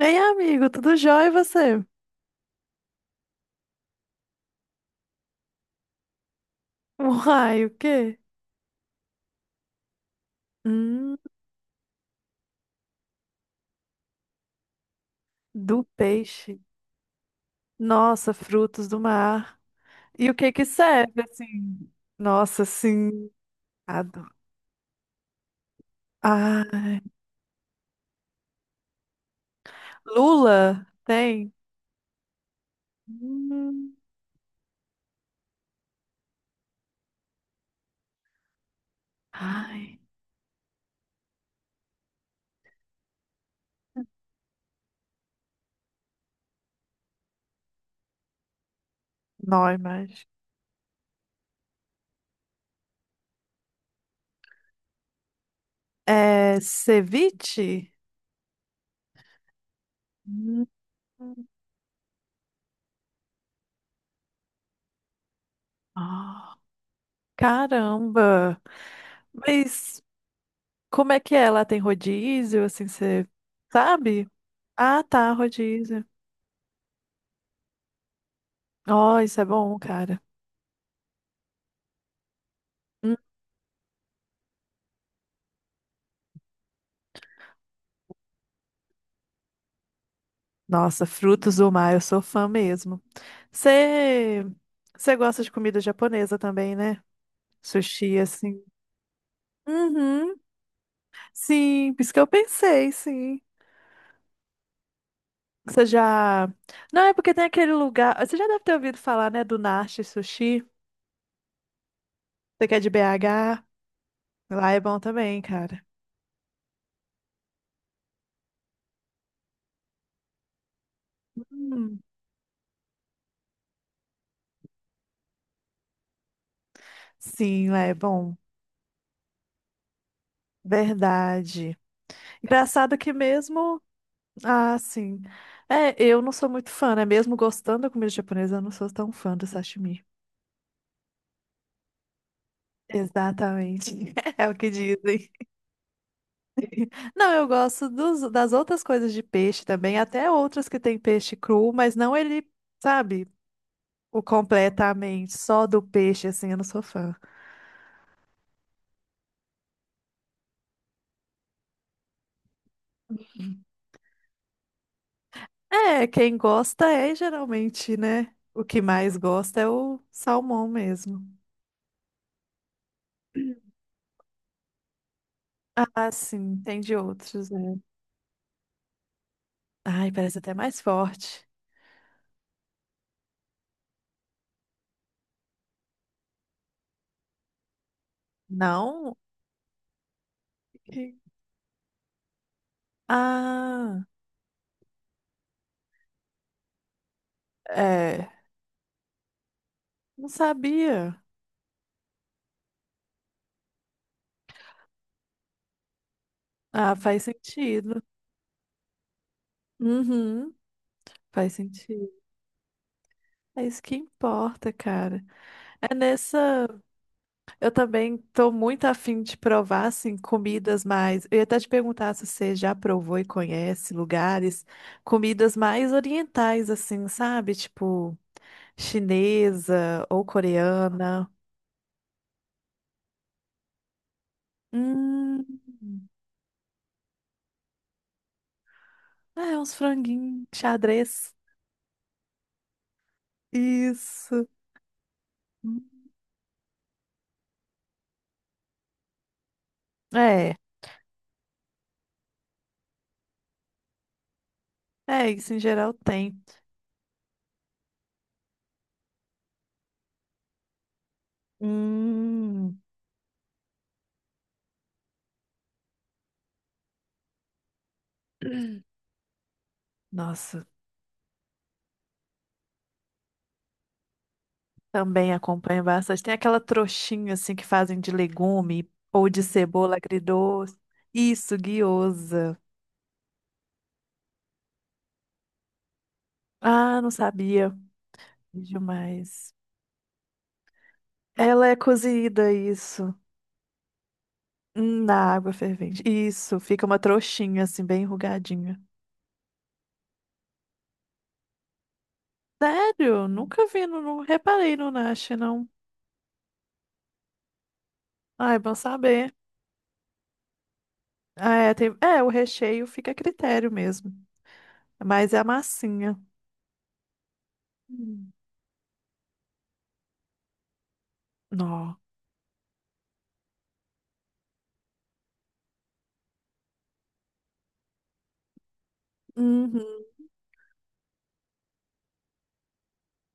Ei, amigo, tudo jóia e você? Uai, o quê? Hum, do peixe. Nossa, frutos do mar. E o que que serve, assim? Nossa, sim. Adoro. Ai. Lula? Tem? Hum. Ai, não, imagem. É ceviche? Hum. Ah, caramba. Mas como é que é? Lá tem rodízio, assim, você sabe? Ah, tá, rodízio. Ó, isso é bom, cara. Hum, Nossa, frutos do mar, eu sou fã mesmo. Você você gosta de comida japonesa também, né? Sushi, assim. Uhum. Sim, por isso que eu pensei, sim. Você já. Não, é porque tem aquele lugar. Você já deve ter ouvido falar, né, do Nashi Sushi. Você que é de BH? Lá é bom também, cara. Hum, Sim, lá é bom. Verdade. Engraçado que mesmo. Ah, sim. É, eu não sou muito fã, né? Mesmo gostando da comida japonesa, eu não sou tão fã do sashimi. Exatamente. É o que dizem. Não, eu gosto das outras coisas de peixe também, até outras que tem peixe cru, mas não ele, sabe, o completamente só do peixe, assim, eu não sou fã. É, quem gosta é geralmente, né? O que mais gosta é o salmão mesmo. Ah, sim, tem de outros, né? Ai, parece até mais forte. Não? Ah, é. Não sabia. Ah, faz sentido. Uhum, faz sentido. É isso que importa, cara. É nessa. Eu também tô muito afim de provar, assim, comidas mais. Eu ia até te perguntar se você já provou e conhece lugares, comidas mais orientais, assim, sabe? Tipo, chinesa ou coreana. Hum, é, uns franguinhos, xadrez. Isso. É. É, isso em geral tem. Hum, nossa, também acompanho bastante. Tem aquela trouxinha assim que fazem de legume ou de cebola agridoce. Isso, guiosa. Ah, não sabia. Demais. Ela é cozida, isso. Na água fervente. Isso, fica uma trouxinha assim, bem enrugadinha. Sério? Nunca vi, não, não reparei no Nash, não. Ai, bom saber. Ah, é, é, o recheio fica a critério mesmo. Mas é a massinha. Hum. Nó. Uhum.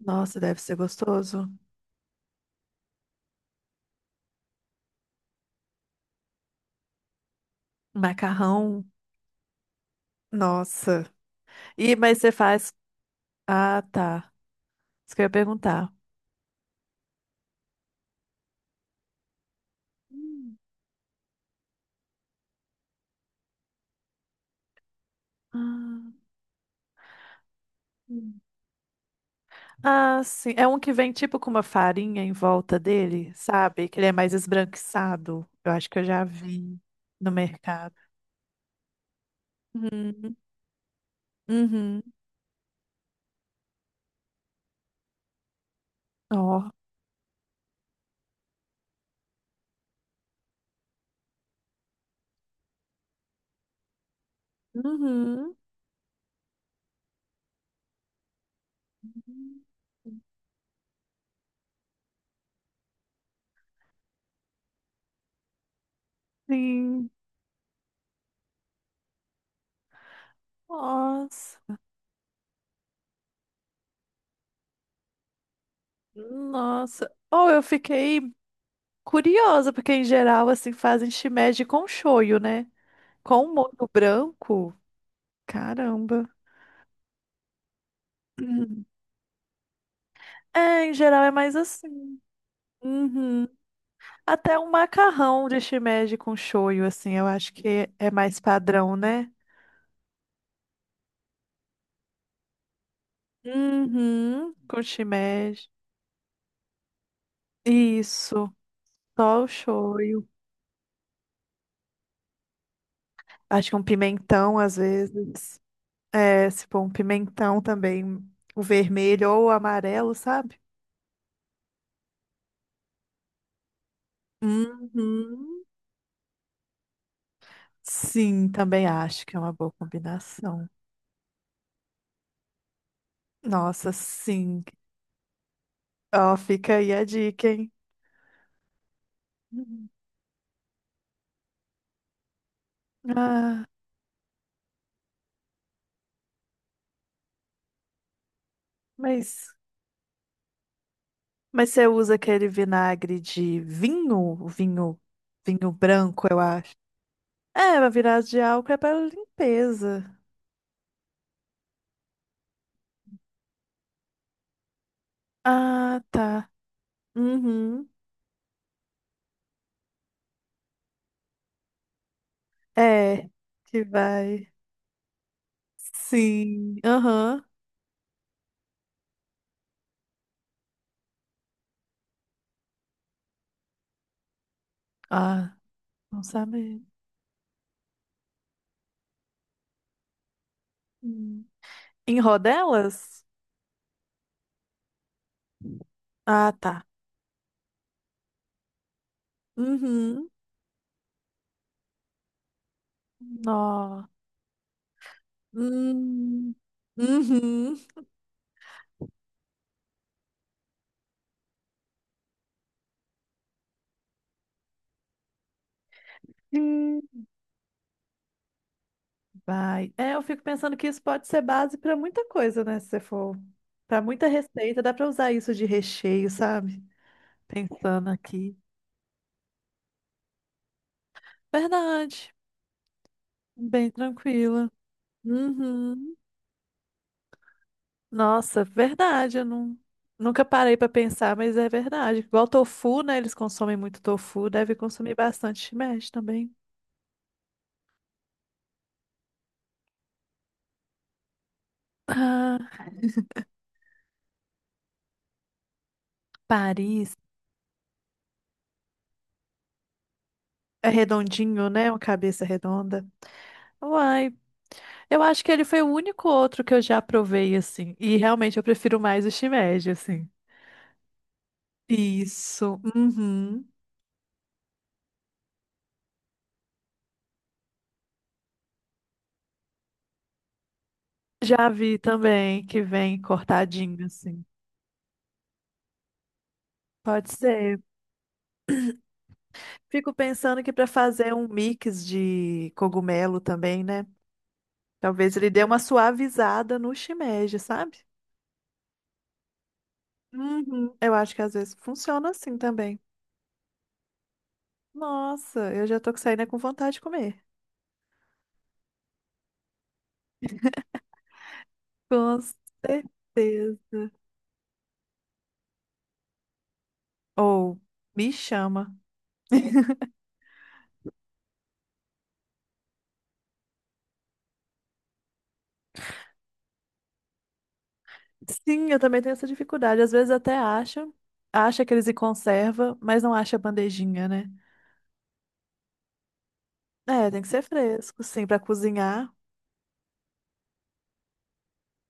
Nossa, deve ser gostoso. Macarrão. Nossa. E mas você faz? Ah, tá. Isso que eu ia perguntar. Hum. Ah, hum. Ah, sim. É um que vem tipo com uma farinha em volta dele, sabe? Que ele é mais esbranquiçado. Eu acho que eu já vi no mercado. Uhum. Uhum. Ó. Uhum. Sim. Nossa. Nossa. Oh, eu fiquei curiosa, porque em geral, assim, fazem shimeji com shoyu, né? Com um molho branco. Caramba. Hum. É, em geral é mais assim. Uhum. Até um macarrão de shimeji com shoyu, assim, eu acho que é mais padrão, né? Uhum. Com shimeji. Isso. Só o shoyu. Acho que um pimentão, às vezes. É, se pôr um pimentão também, o vermelho ou o amarelo, sabe? Uhum. Sim, também acho que é uma boa combinação. Nossa, sim. Ó, fica aí a dica, hein? Uhum. Ah, mas, mas você usa aquele vinagre de vinho, vinho, vinho branco, eu acho. É, a virada de álcool é para limpeza. Ah, tá. Uhum. É, que vai. Sim. Aham. Ah, não sabe. Hum. Em rodelas? Ah, tá. Uhum. Nó. Hum, uhum. Sim, vai. É, eu fico pensando que isso pode ser base para muita coisa, né? Se você for para muita receita, dá para usar isso de recheio, sabe? Pensando aqui. Verdade. Bem tranquila. Uhum. Nossa, verdade. Eu não, nunca parei para pensar, mas é verdade. Igual tofu, né? Eles consomem muito tofu, deve consumir bastante shimeji também. Ah, Paris. É redondinho, né? Uma cabeça redonda. Uai. Eu acho que ele foi o único outro que eu já provei, assim. E realmente eu prefiro mais o shimeji, assim. Isso. Uhum. Já vi também que vem cortadinho, assim. Pode ser. Fico pensando que para fazer um mix de cogumelo também, né? Talvez ele dê uma suavizada no shimeji, sabe? Uhum. Eu acho que às vezes funciona assim também. Nossa, eu já tô saindo com vontade de comer. Com certeza. Ou me chama. Sim, eu também tenho essa dificuldade. Às vezes até acha, acha que eles se conserva, mas não acha a bandejinha, né? É, tem que ser fresco, sim, pra cozinhar.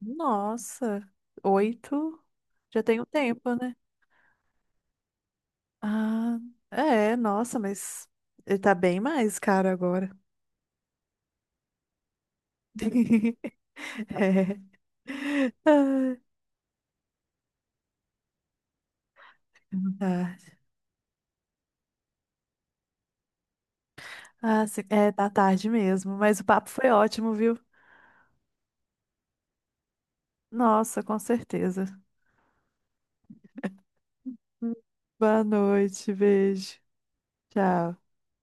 Nossa, 8, já tem um tempo, né? Ah, é, nossa, mas ele tá bem mais caro agora. É. Ai, tá. Ah, sim, é, tá tarde mesmo, mas o papo foi ótimo, viu? Nossa, com certeza. Hum, Boa noite, beijo. Tchau.